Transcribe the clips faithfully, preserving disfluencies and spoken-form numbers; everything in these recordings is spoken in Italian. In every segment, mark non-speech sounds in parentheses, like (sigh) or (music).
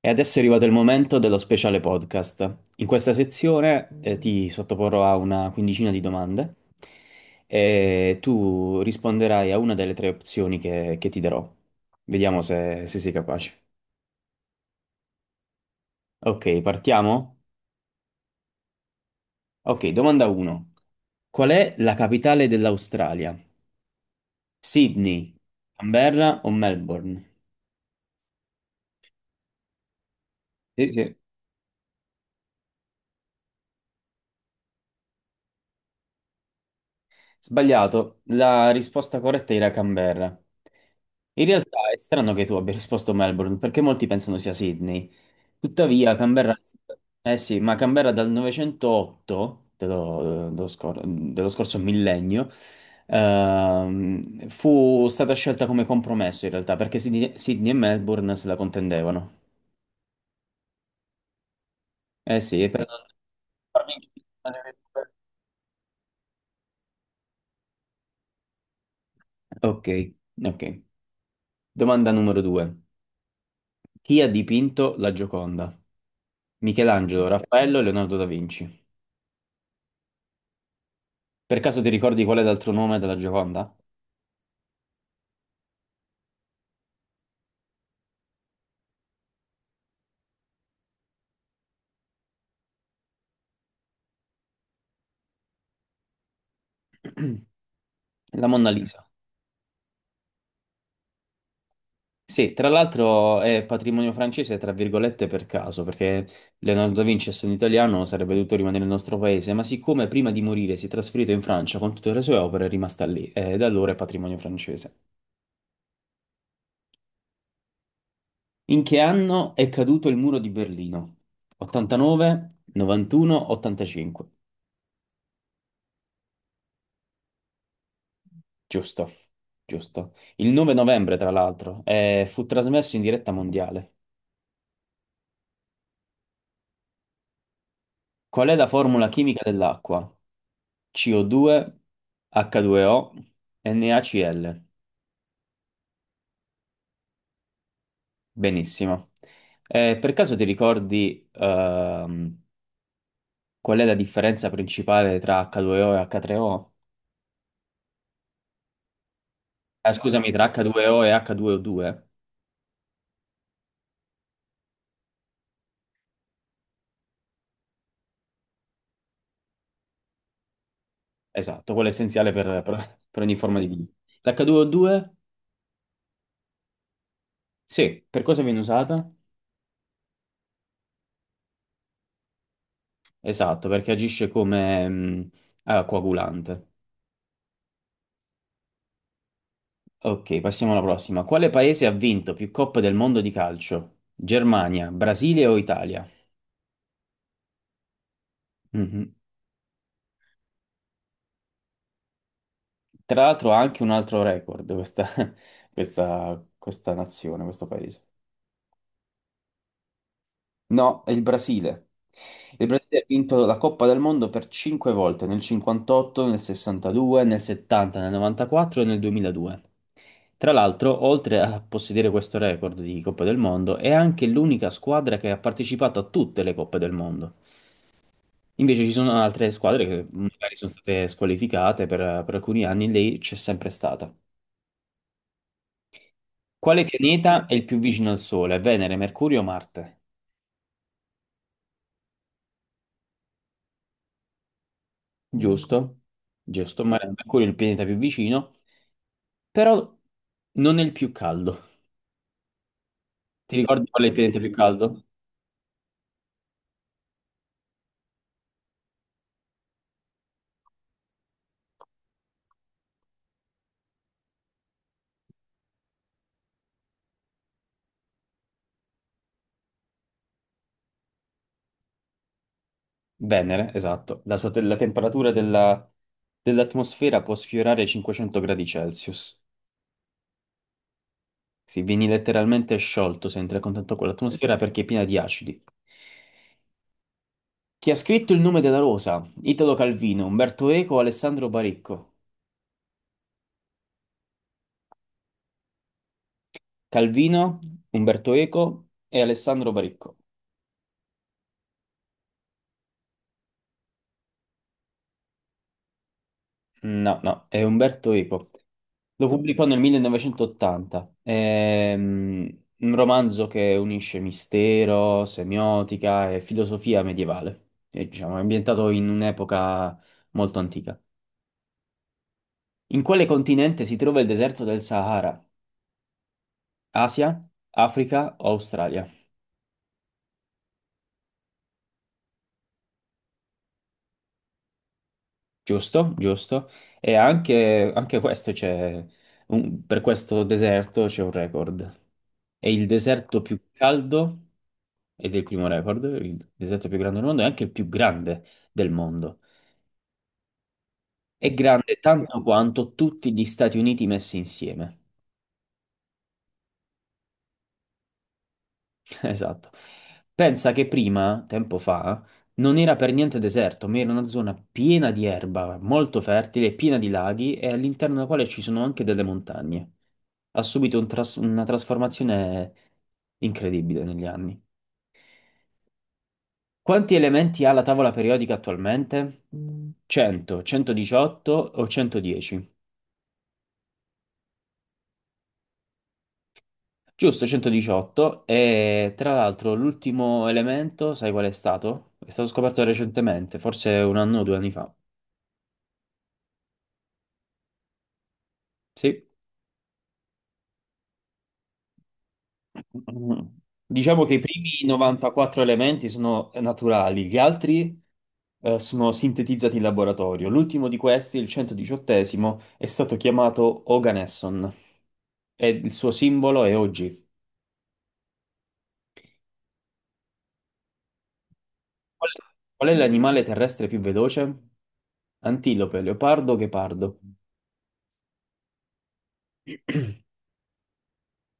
E adesso è arrivato il momento dello speciale podcast. In questa sezione eh, ti sottoporrò a una quindicina di domande e tu risponderai a una delle tre opzioni che, che ti darò. Vediamo se, se sei capace. Ok, partiamo? Ok, domanda uno. Qual è la capitale dell'Australia? Sydney, Canberra o Melbourne? Sì, sì. Sbagliato, la risposta corretta era Canberra. In realtà è strano che tu abbia (laughs) risposto Melbourne, perché molti pensano sia Sydney. Tuttavia, Canberra. Eh sì, ma Canberra dal novecentotto, dello, dello scor- dello scorso millennio, ehm, fu stata scelta come compromesso in realtà, perché Sydney, Sydney e Melbourne se la contendevano. Eh sì, per non farmi inchiodare le due. Ok, ok. Domanda numero due. Chi ha dipinto la Gioconda? Michelangelo, Raffaello e Leonardo da Vinci. Per caso ti ricordi qual è l'altro nome della Gioconda? La Monna Lisa. Sì, tra l'altro è patrimonio francese, tra virgolette, per caso, perché Leonardo da Vinci, essendo italiano, sarebbe dovuto rimanere nel nostro paese, ma siccome prima di morire si è trasferito in Francia con tutte le sue opere, è rimasta lì e da allora è patrimonio francese. In che anno è caduto il muro di Berlino? ottantanove, novantuno, ottantacinque. Giusto, giusto. Il nove novembre, tra l'altro, eh, fu trasmesso in diretta mondiale. Qual è la formula chimica dell'acqua? ci o due, acca due o, NaCl. Benissimo. Eh, per caso ti ricordi, ehm, qual è la differenza principale tra acca due o e acca tre o? Ah, scusami, tra acca due o e acca due o due? Esatto, quello è essenziale per, per- per ogni forma di vita. L'acca due o due? Sì, per cosa viene usata? Esatto, perché agisce come mh, ah, coagulante. Ok, passiamo alla prossima. Quale paese ha vinto più coppe del mondo di calcio? Germania, Brasile o Italia? Mhm. Tra l'altro ha anche un altro record questa, (laughs) questa questa nazione, questo paese. No, è il Brasile. Il Brasile ha vinto la Coppa del Mondo per cinque volte, nel cinquantotto, nel sessantadue, nel settanta, nel novantaquattro e nel duemiladue. Tra l'altro, oltre a possedere questo record di Coppa del Mondo, è anche l'unica squadra che ha partecipato a tutte le Coppe del Mondo. Invece ci sono altre squadre che magari sono state squalificate per, per alcuni anni, lei c'è sempre stata. Quale pianeta è il più vicino al Sole? Venere, Mercurio o Marte? Giusto? Giusto, ma Mercurio è il pianeta più vicino. Però non è il più caldo. Ti ricordi qual è il pianeta più caldo? Venere, esatto. La sua te- la temperatura della- dell'atmosfera può sfiorare i cinquecento gradi Celsius. Sì, vieni letteralmente sciolto se entri a contatto con l'atmosfera perché è piena di acidi. Chi ha scritto Il nome della rosa? Italo Calvino, Umberto Eco, Alessandro Baricco. Calvino, Umberto Eco e Alessandro Baricco. No, no, è Umberto Eco. Lo pubblicò nel millenovecentottanta. È mm, un romanzo che unisce mistero, semiotica e filosofia medievale. E, diciamo, è ambientato in un'epoca molto antica. In quale continente si trova il deserto del Sahara? Asia, Africa o Australia? Giusto, giusto. E anche, anche questo c'è, un- per questo deserto c'è un record. È il deserto più caldo ed è il primo record, il deserto più grande del mondo, è anche il più grande del mondo. È grande tanto quanto tutti gli Stati Uniti messi insieme. (laughs) Esatto. Pensa che prima, tempo fa, non era per niente deserto, ma era una zona piena di erba, molto fertile, piena di laghi e all'interno della quale ci sono anche delle montagne. Ha subito un tras- una trasformazione incredibile negli anni. Quanti elementi ha la tavola periodica attualmente? cento, centodiciotto o centodieci? Giusto, centodiciotto. E tra l'altro l'ultimo elemento, sai qual è stato? È stato scoperto recentemente, forse un anno o due anni fa. Sì. (clears throat) Diciamo che i primi novantaquattro elementi sono naturali, gli altri eh, sono sintetizzati in laboratorio. L'ultimo di questi, il centodiciottesimo, è stato chiamato Oganesson e il suo simbolo è o gi. Qual qual è l'animale terrestre più veloce? Antilope, leopardo, ghepardo.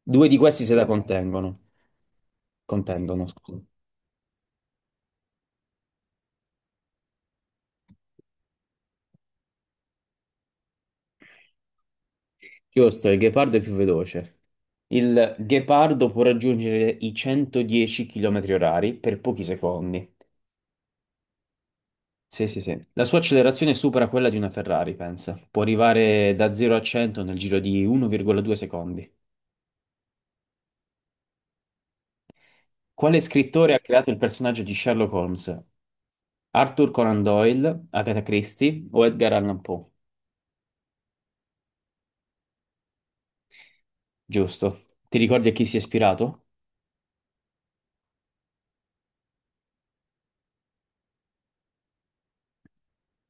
Due di questi se la contengono. Contendono, scusa. Giusto, il ghepardo è più veloce. Il ghepardo può raggiungere i centodieci chilometri orari per pochi secondi. Sì, sì, sì. La sua accelerazione supera quella di una Ferrari, pensa. Può arrivare da zero a cento nel giro di uno virgola due secondi. Quale scrittore ha creato il personaggio di Sherlock Holmes? Arthur Conan Doyle, Agatha Christie o Edgar Allan Poe? Giusto. Ti ricordi a chi si è ispirato?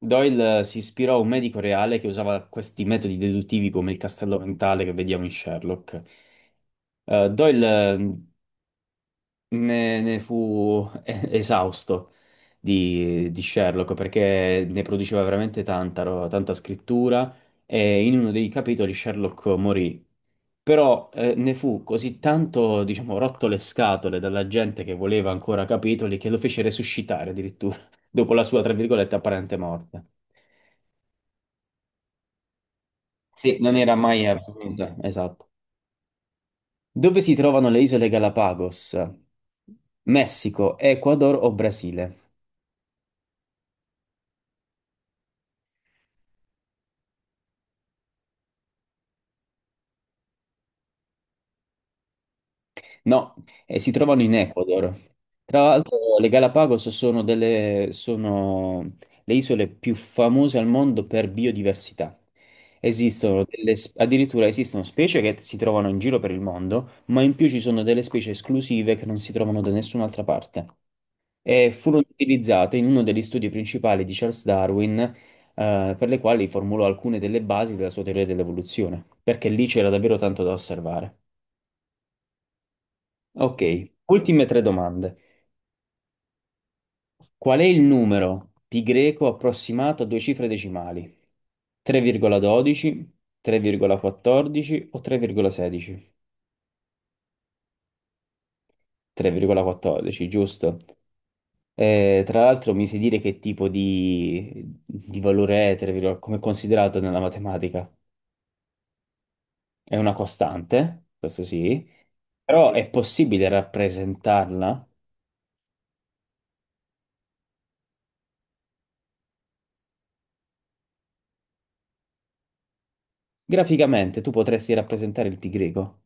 Doyle eh, si ispirò a un medico reale che usava questi metodi deduttivi come il castello mentale che vediamo in Sherlock. Eh, Doyle eh, ne, ne fu (laughs) eh, esausto di, di Sherlock perché ne produceva veramente tanta, ro- tanta scrittura e in uno dei capitoli Sherlock morì. Però eh, ne fu così tanto, diciamo, rotto le scatole dalla gente che voleva ancora capitoli che lo fece resuscitare addirittura (laughs) dopo la sua, tra virgolette, apparente morte. Sì, non era mai avvenuta, esatto. Dove si trovano le isole Galapagos? Messico, Ecuador o Brasile? No, eh, si trovano in Ecuador. Tra l'altro, le Galapagos sono delle, sono le isole più famose al mondo per biodiversità. Esistono delle, sp- addirittura esistono specie che si trovano in giro per il mondo, ma in più ci sono delle specie esclusive che non si trovano da nessun'altra parte. e furono utilizzate in uno degli studi principali di Charles Darwin, eh, per le quali formulò alcune delle basi della sua teoria dell'evoluzione, perché lì c'era davvero tanto da osservare. Ok, ultime tre domande. Qual è il numero pi greco approssimato a due cifre decimali? tre virgola dodici, tre virgola quattordici o tre virgola sedici? tre virgola quattordici, giusto. Eh, tra l'altro mi sai dire che tipo di, di valore è tre virgola quattordici, come è considerato nella matematica? È una costante, questo sì, però è possibile rappresentarla. Graficamente tu potresti rappresentare il pi greco.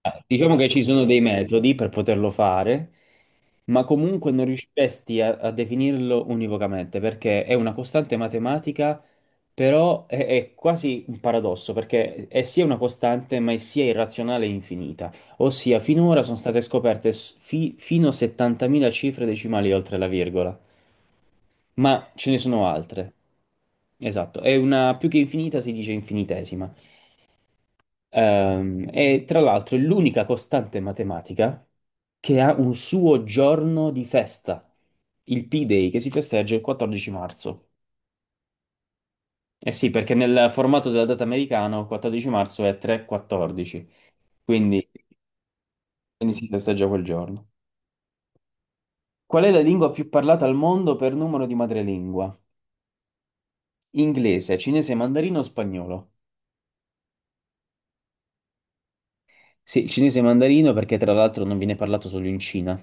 Eh, Diciamo che ci sono dei metodi per poterlo fare, ma comunque non riusciresti a, a definirlo univocamente, perché è una costante matematica, però è, è quasi un paradosso, perché è sia una costante, ma è sia irrazionale e infinita. Ossia, finora sono state scoperte s- fi- fino a settantamila cifre decimali oltre la virgola. ma ce ne sono altre. Esatto, è una più che infinita, si dice infinitesima. Ehm, e tra l'altro è l'unica costante matematica che ha un suo giorno di festa, il P-Day, che si festeggia il quattordici marzo. Eh sì, perché nel formato della data americano quattordici marzo è tre quattordici, quindi, quindi si festeggia quel giorno. Qual è la lingua più parlata al mondo per numero di madrelingua? Inglese, cinese, mandarino o spagnolo? Sì, il cinese mandarino perché tra l'altro non viene parlato solo in Cina,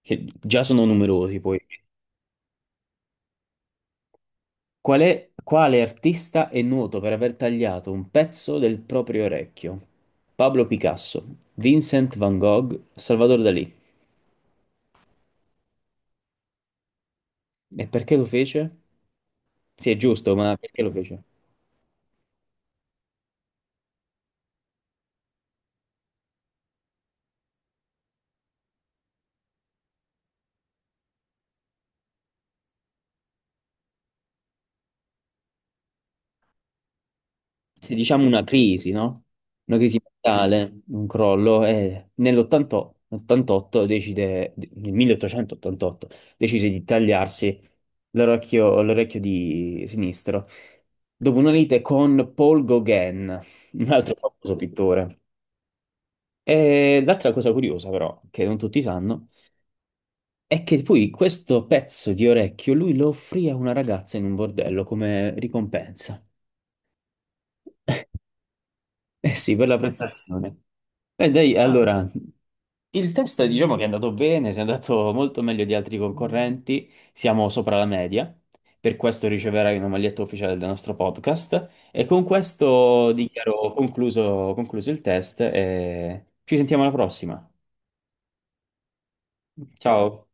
che già sono numerosi poi. Qual è- quale artista è noto per aver tagliato un pezzo del proprio orecchio? Pablo Picasso, Vincent van Gogh, Salvador Dalì. E perché lo fece? Sì, è giusto, ma perché lo fece? se diciamo una crisi, no? Una crisi mentale, un crollo, e nell'ottantotto decide, nel milleottocentottantotto decise di tagliarsi l'orecchio l'orecchio di sinistro, dopo una lite con Paul Gauguin, un altro famoso pittore. E l'altra cosa curiosa, però, che non tutti sanno, è che poi questo pezzo di orecchio lui lo offrì a una ragazza in un bordello come ricompensa. Eh sì, per la prestazione. E dai, ah, allora, il test diciamo che è andato bene, si è andato molto meglio di altri concorrenti, siamo sopra la media, per questo riceverai una maglietta ufficiale del nostro podcast e con questo dichiaro concluso, concluso il test e ci sentiamo alla prossima. Ciao.